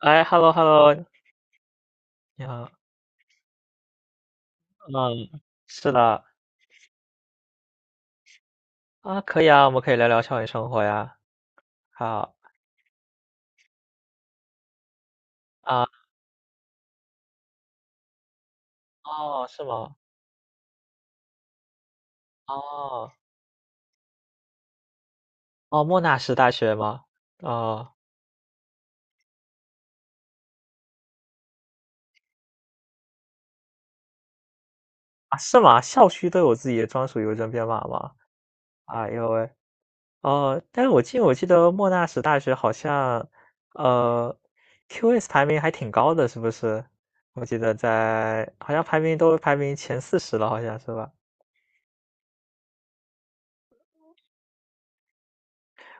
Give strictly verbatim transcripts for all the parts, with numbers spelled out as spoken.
哎，hello hello，你好，嗯，是的，啊，可以啊，我们可以聊聊校园生活呀。好啊，哦，是吗？哦，哦，莫纳什大学吗？哦，啊，是吗？校区都有自己的专属邮政编码吗？哎呦喂，哦，但是我记得我记得莫纳什大学好像，呃，Q S 排名还挺高的，是不是？我记得在好像排名都排名前四十了，好像是吧？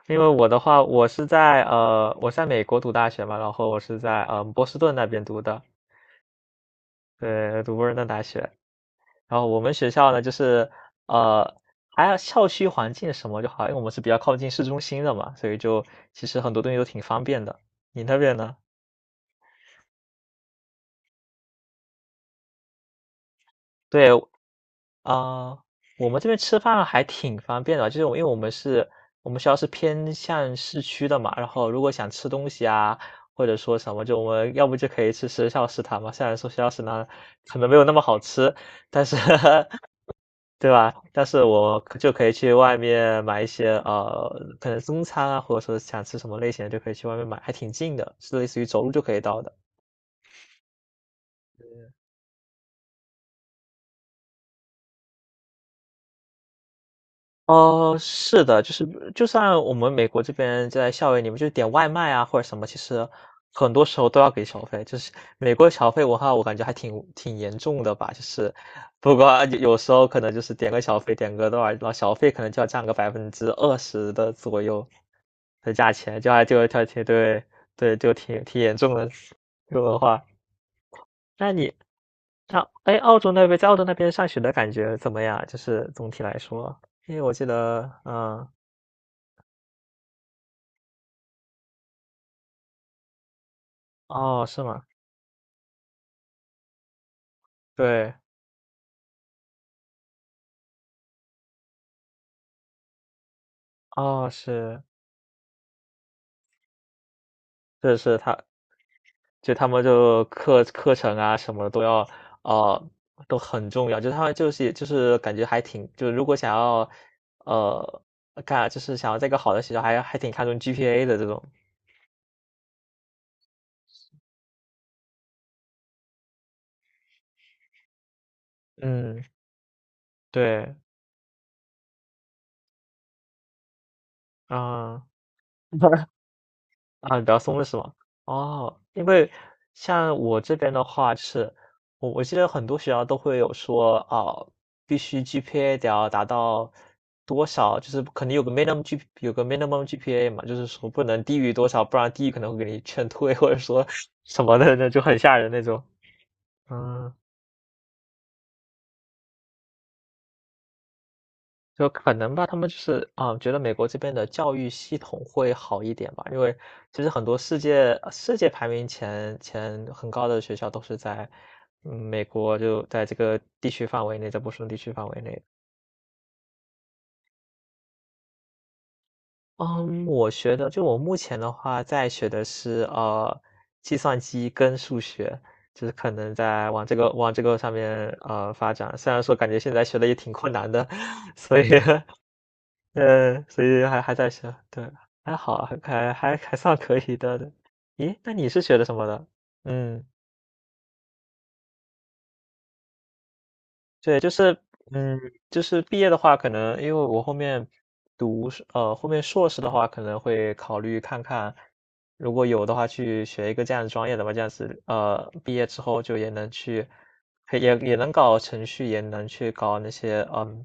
因为我的话，我是在呃，我在美国读大学嘛，然后我是在呃波士顿那边读的，对，读波士顿大学。然后我们学校呢，就是呃，还有校区环境什么就好，因为我们是比较靠近市中心的嘛，所以就其实很多东西都挺方便的。你那边呢？对，啊、我们这边吃饭还挺方便的，就是我因为我们是，我们学校是偏向市区的嘛，然后如果想吃东西啊，或者说什么，就我们要不就可以吃学校食堂嘛。虽然说学校食堂可能没有那么好吃，但是 对吧？但是我可就可以去外面买一些呃，可能中餐啊，或者说想吃什么类型的就可以去外面买，还挺近的，是类似于走路就可以到的。哦，是的，就是就算我们美国这边在校园里面就点外卖啊或者什么，其实很多时候都要给小费。就是美国小费文化，我感觉还挺挺严重的吧。就是不过有有时候可能就是点个小费，点个多少，然后小费可能就要占个百分之二十的左右的价钱，就还就还挺对对，就挺挺严重的这个文化。那你，那哎，澳洲那边在澳洲那边上学的感觉怎么样？就是总体来说，因为我记得，嗯，哦，是吗？对，哦，是，是是，他就他们就课课程啊什么都要，呃，都很重要。就他们就是就是感觉还挺，就如果想要，呃，干就是想要在一个好的学校还还挺看重 G P A 的这种。嗯，对，啊、啊，比较松的是吗？哦，因为像我这边的话是，我我记得很多学校都会有说啊，必须 G P A 得要达到多少，就是肯定有个 minimum G 有个 minimum G P A 嘛，就是说不能低于多少，不然低于可能会给你劝退，或者说什么的，那就很吓人那种。嗯就可能吧，他们就是啊，觉得美国这边的教育系统会好一点吧，因为其实很多世界世界排名前前很高的学校都是在嗯美国，就在这个地区范围内，在波士顿地区范围内。嗯，我学的就我目前的话，在学的是呃计算机跟数学，就是可能在往这个往这个上面呃发展。虽然说感觉现在学的也挺困难的，所以 呃，所以还还在学，对，还好，还还还算可以的。对咦，那你是学的什么的？嗯，对，就是，嗯，就是毕业的话，可能因为我后面读是呃，后面硕士的话，可能会考虑看看，如果有的话，去学一个这样的专业的吧，这样子，呃，毕业之后就也能去，可以也也能搞程序，也能去搞那些，嗯，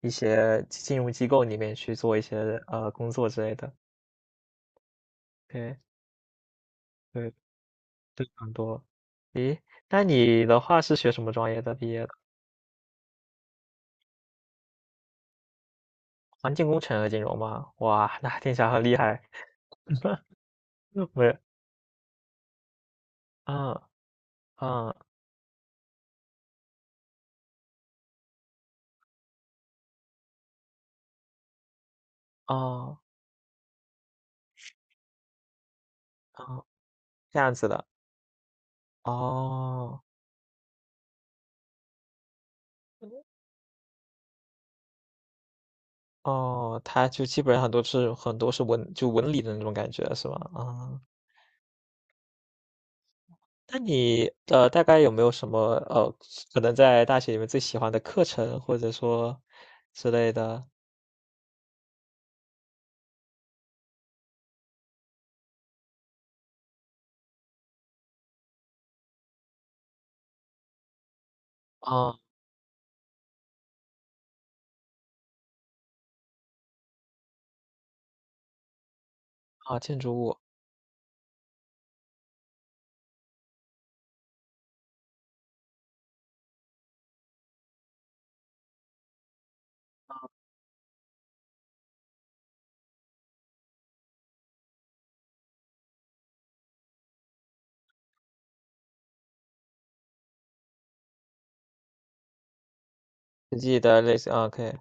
一些金融机构里面去做一些呃工作之类的。对。对非常多。诶，那你的话是学什么专业的毕业的？环境工程和金融吗？哇，那听起来很厉害。没有，嗯嗯哦哦，这样子的。哦哦，他就基本上都是很多是文就文理的那种感觉是吗？啊、那你呃大概有没有什么呃可能在大学里面最喜欢的课程或者说之类的？啊啊，建筑物，自记的类似啊，可以。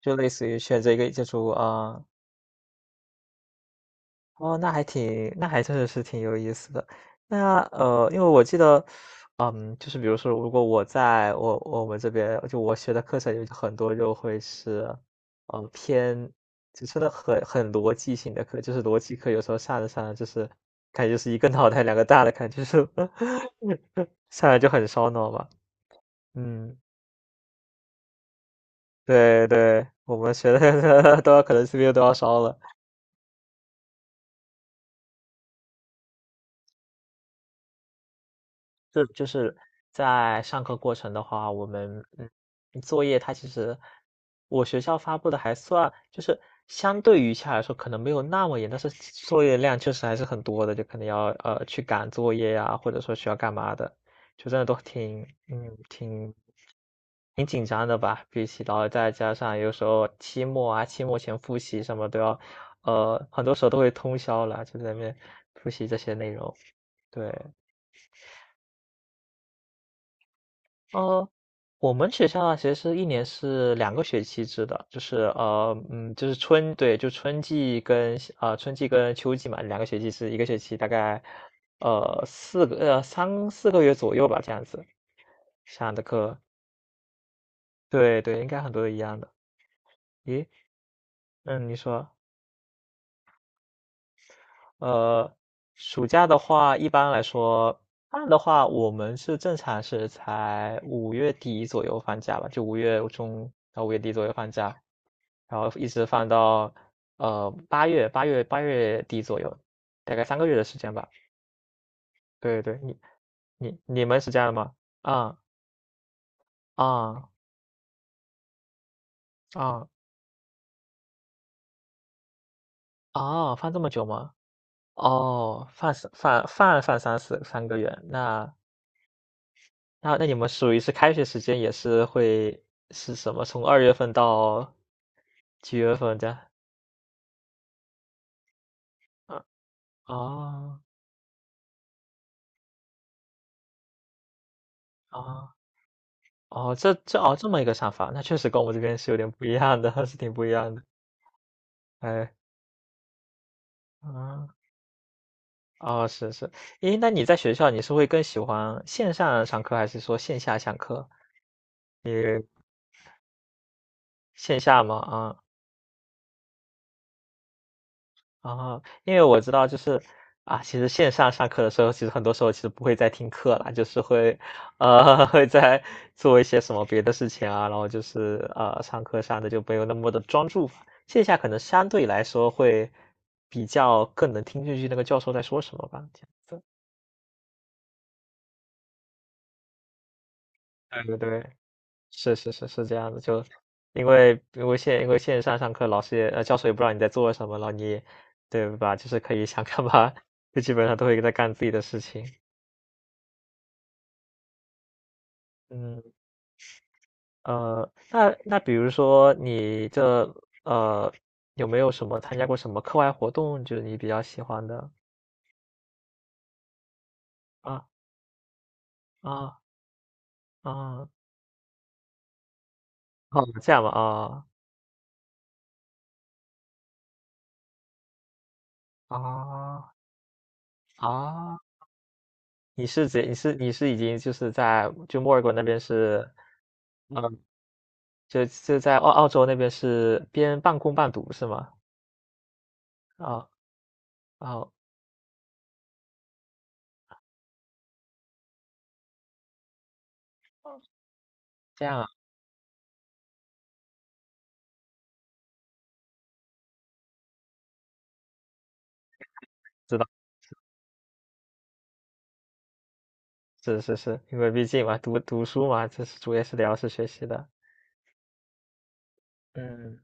就类似于选择一个建筑物啊，哦，那还挺，那还真的是挺有意思的。那呃，因为我记得，嗯，就是比如说，如果我在我我们这边，就我学的课程有很多就会是，呃，偏就真的很很逻辑性的课，就是逻辑课，有时候上着上着就是感觉就是一个脑袋两个大的感觉，就是 上来就很烧脑嘛。嗯，对对，我们学的 都要可能 C P U 都要烧了。是就是在上课过程的话，我们嗯，作业它其实我学校发布的还算，就是相对于下来说可能没有那么严，但是作业量确实还是很多的，就可能要呃去赶作业呀、或者说需要干嘛的，就真的都挺嗯挺挺紧张的吧。比起然后再加上有时候期末啊，期末前复习什么都要，呃，很多时候都会通宵了，就在那边复习这些内容，对。呃，我们学校啊，其实是一年是两个学期制的，就是呃，嗯，就是春，对，就春季跟呃春季跟秋季嘛，两个学期是一个学期，大概呃四个呃三四个月左右吧，这样子上的课，对对，应该很多都一样的。咦，嗯，你说。呃，暑假的话，一般来说，放的话，我们是正常是才五月底左右放假吧，就五月中到五月底左右放假，然后一直放到呃八月八月八月底左右，大概三个月的时间吧。对对，你你你们是这样吗？啊啊啊啊！放这么久吗？哦，放三放放放三四三个月，那那那你们属于是开学时间也是会是什么？从二月份到几月份的？样？啊哦哦哦，这这哦这么一个想法，那确实跟我们这边是有点不一样的，是挺不一样的。哎，啊哦是是，诶，那你在学校你是会更喜欢线上上课还是说线下上课？你线下吗？啊啊，因为我知道，就是啊，其实线上上课的时候，其实很多时候其实不会再听课了，就是会，呃，会在做一些什么别的事情啊，然后就是呃，上课上的就没有那么的专注，线下可能相对来说会比较更能听进去那个教授在说什么吧，这样子。对对对，是是是是这样的，就因为因为线因为线上上课，老师也呃教授也不知道你在做什么，然后你对吧，就是可以想干嘛，就基本上都会在干自己的事情。嗯，呃，那那比如说你这呃有没有什么参加过什么课外活动，就是你比较喜欢的啊啊啊哦，这样吧啊啊啊，你是直你是你是已经就是在就墨尔本那边是嗯，呃就就在澳澳洲那边是边半工半读是吗？啊啊，这样啊，知道是是是，因为毕竟嘛读读书嘛，这是主要是聊是学习的，嗯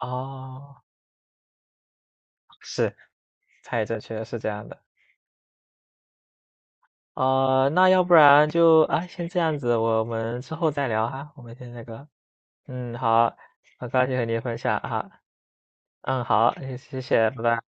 哦。是，太正确实是这样的。啊，那要不然就啊，先这样子，我们之后再聊哈。我们先那个，嗯，好，很高兴和你分享哈。嗯，好，谢谢，拜拜。